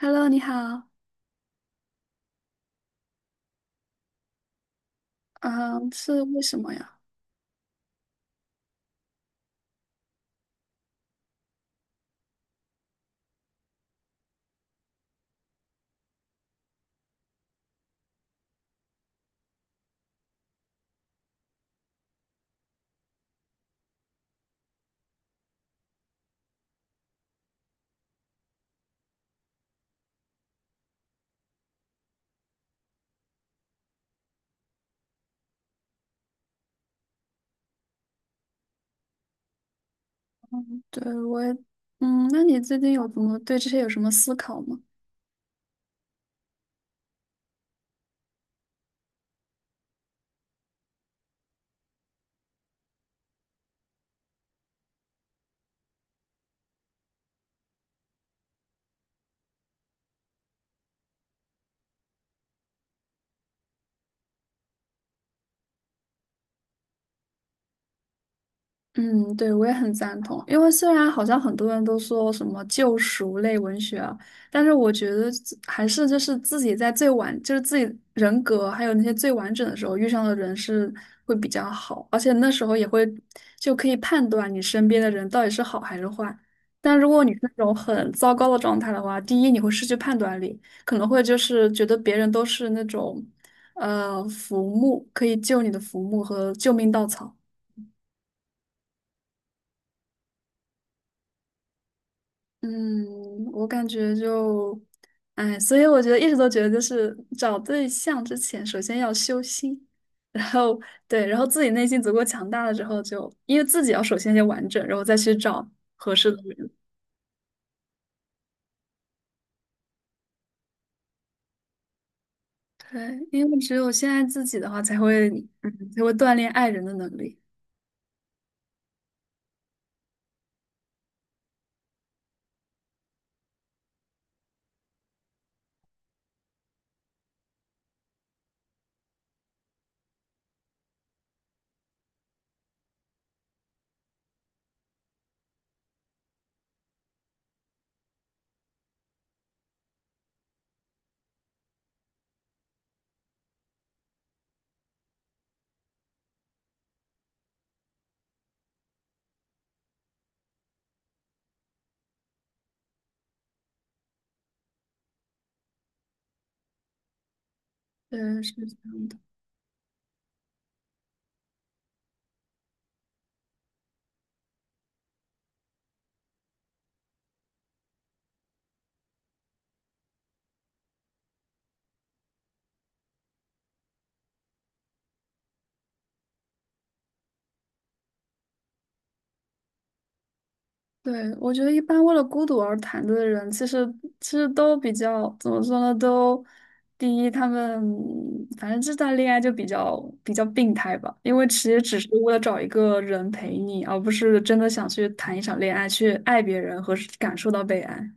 Hello，你好。嗯，是为什么呀？嗯，对，我也，嗯，那你最近有怎么对这些有什么思考吗？嗯，对，我也很赞同。因为虽然好像很多人都说什么救赎类文学啊，但是我觉得自还是就是自己在最完，就是自己人格还有那些最完整的时候遇上的人是会比较好，而且那时候也会就可以判断你身边的人到底是好还是坏。但如果你是那种很糟糕的状态的话，第一你会失去判断力，可能会就是觉得别人都是那种浮木，可以救你的浮木和救命稻草。嗯，我感觉就，哎，所以我觉得一直都觉得，就是找对象之前，首先要修心，然后对，然后自己内心足够强大了之后就，因为自己要首先先完整，然后再去找合适的人。对，因为只有先爱自己的话，才会，嗯，才会锻炼爱人的能力。对，是这样的。对，我觉得一般为了孤独而谈的人，其实其实都比较怎么说呢？都第一，他们反正这段恋爱就比较病态吧，因为其实只是为了找一个人陪你，而不是真的想去谈一场恋爱，去爱别人和感受到被爱。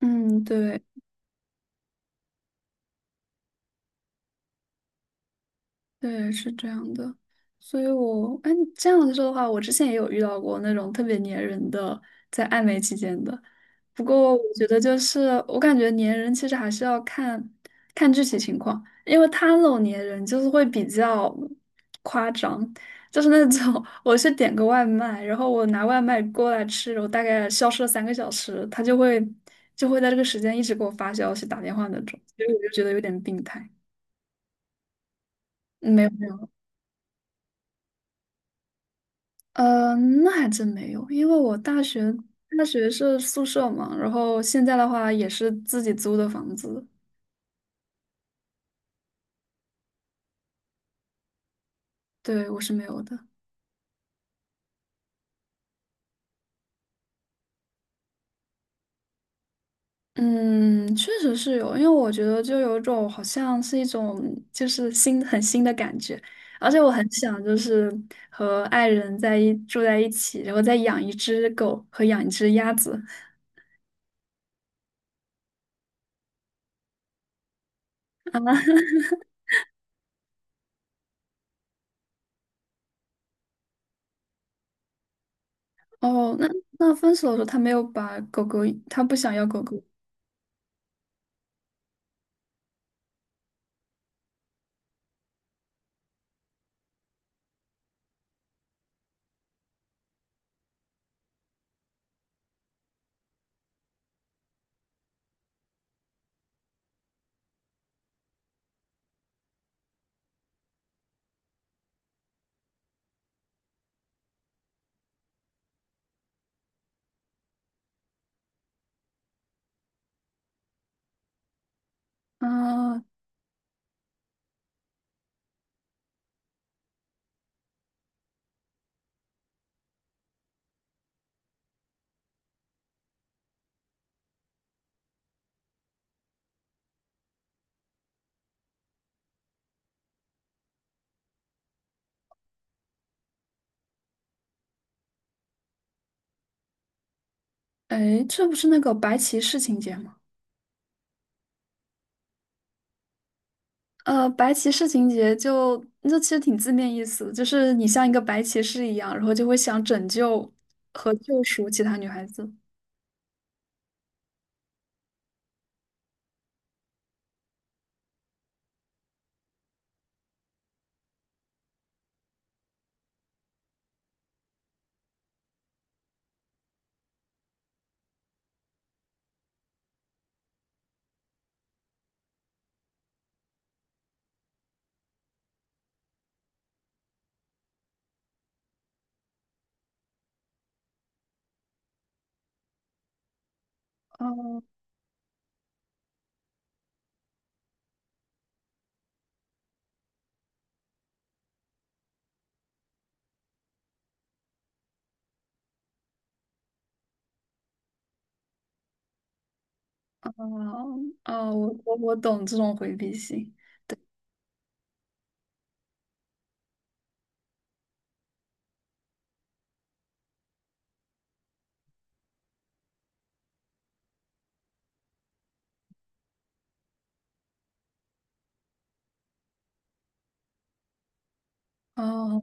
嗯，对。对，是这样的，所以我，哎，这样子说的话，我之前也有遇到过那种特别粘人的，在暧昧期间的。不过，我觉得就是，我感觉粘人其实还是要看具体情况，因为他那种粘人就是会比较夸张，就是那种 我去点个外卖，然后我拿外卖过来吃，我大概消失了三个小时，他就会在这个时间一直给我发消息、打电话那种，所以我就觉得有点病态。嗯，没有，没有。呃，那还真没有，因为我大学是宿舍嘛，然后现在的话也是自己租的房子。对，我是没有的。嗯，确实是有，因为我觉得就有一种好像是一种就是很新的感觉，而且我很想就是和爱人住在一起，然后再养一只狗和养一只鸭子。哦，那那分手的时候他没有把狗狗，他不想要狗狗啊？哎，这不是那个白骑士情节吗？呃，白骑士情节就那其实挺字面意思，就是你像一个白骑士一样，然后就会想拯救和救赎其他女孩子。哦哦，我懂这种回避性。哦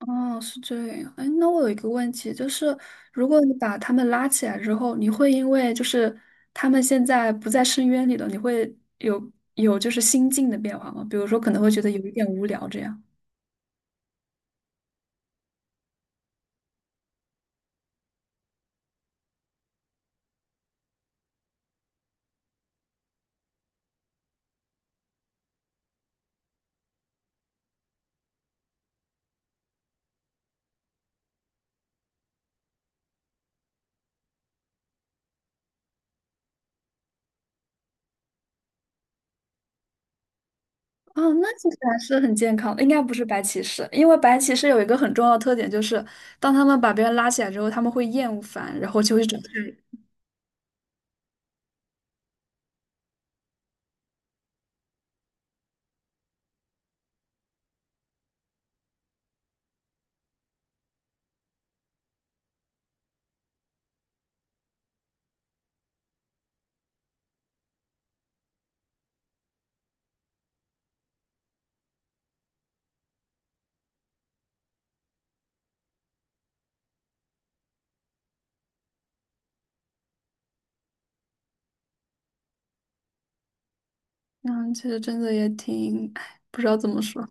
哦，是这样。哎，那我有一个问题，就是如果你把他们拉起来之后，你会因为就是他们现在不在深渊里了，你会有就是心境的变化吗？比如说可能会觉得有一点无聊这样。哦，那其实还是很健康的，应该不是白骑士，因为白骑士有一个很重要的特点，就是当他们把别人拉起来之后，他们会厌恶烦，然后就会找事。嗯，其实真的也挺，唉，不知道怎么说。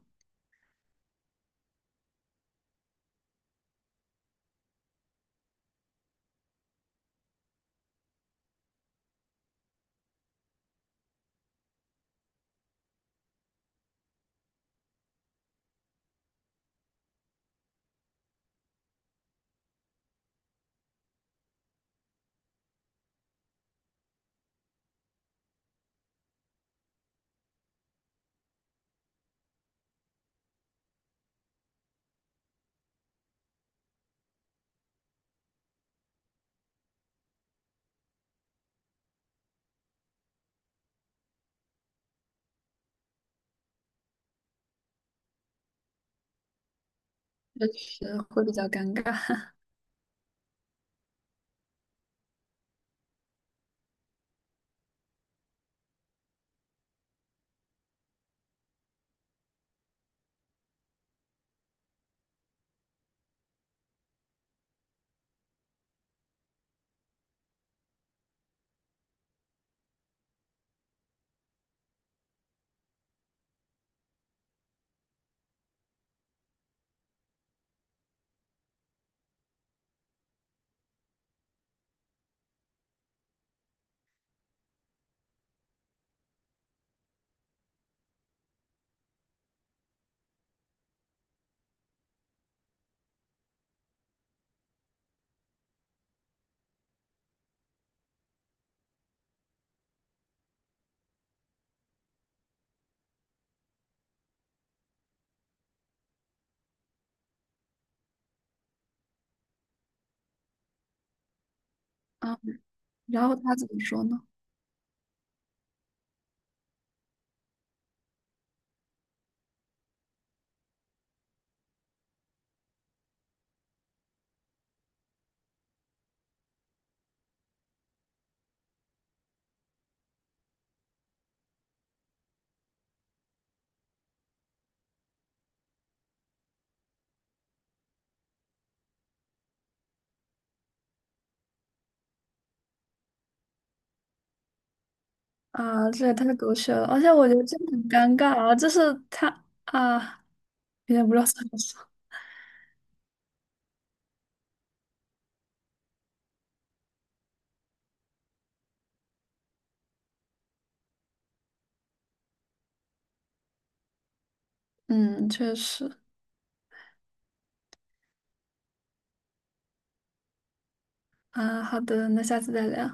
确实会比较尴尬。啊，然后他怎么说呢？啊，这也太狗血了，而且我觉得这很尴尬啊，就是他啊，有点不知道怎么说。嗯，确实。啊，好的，那下次再聊。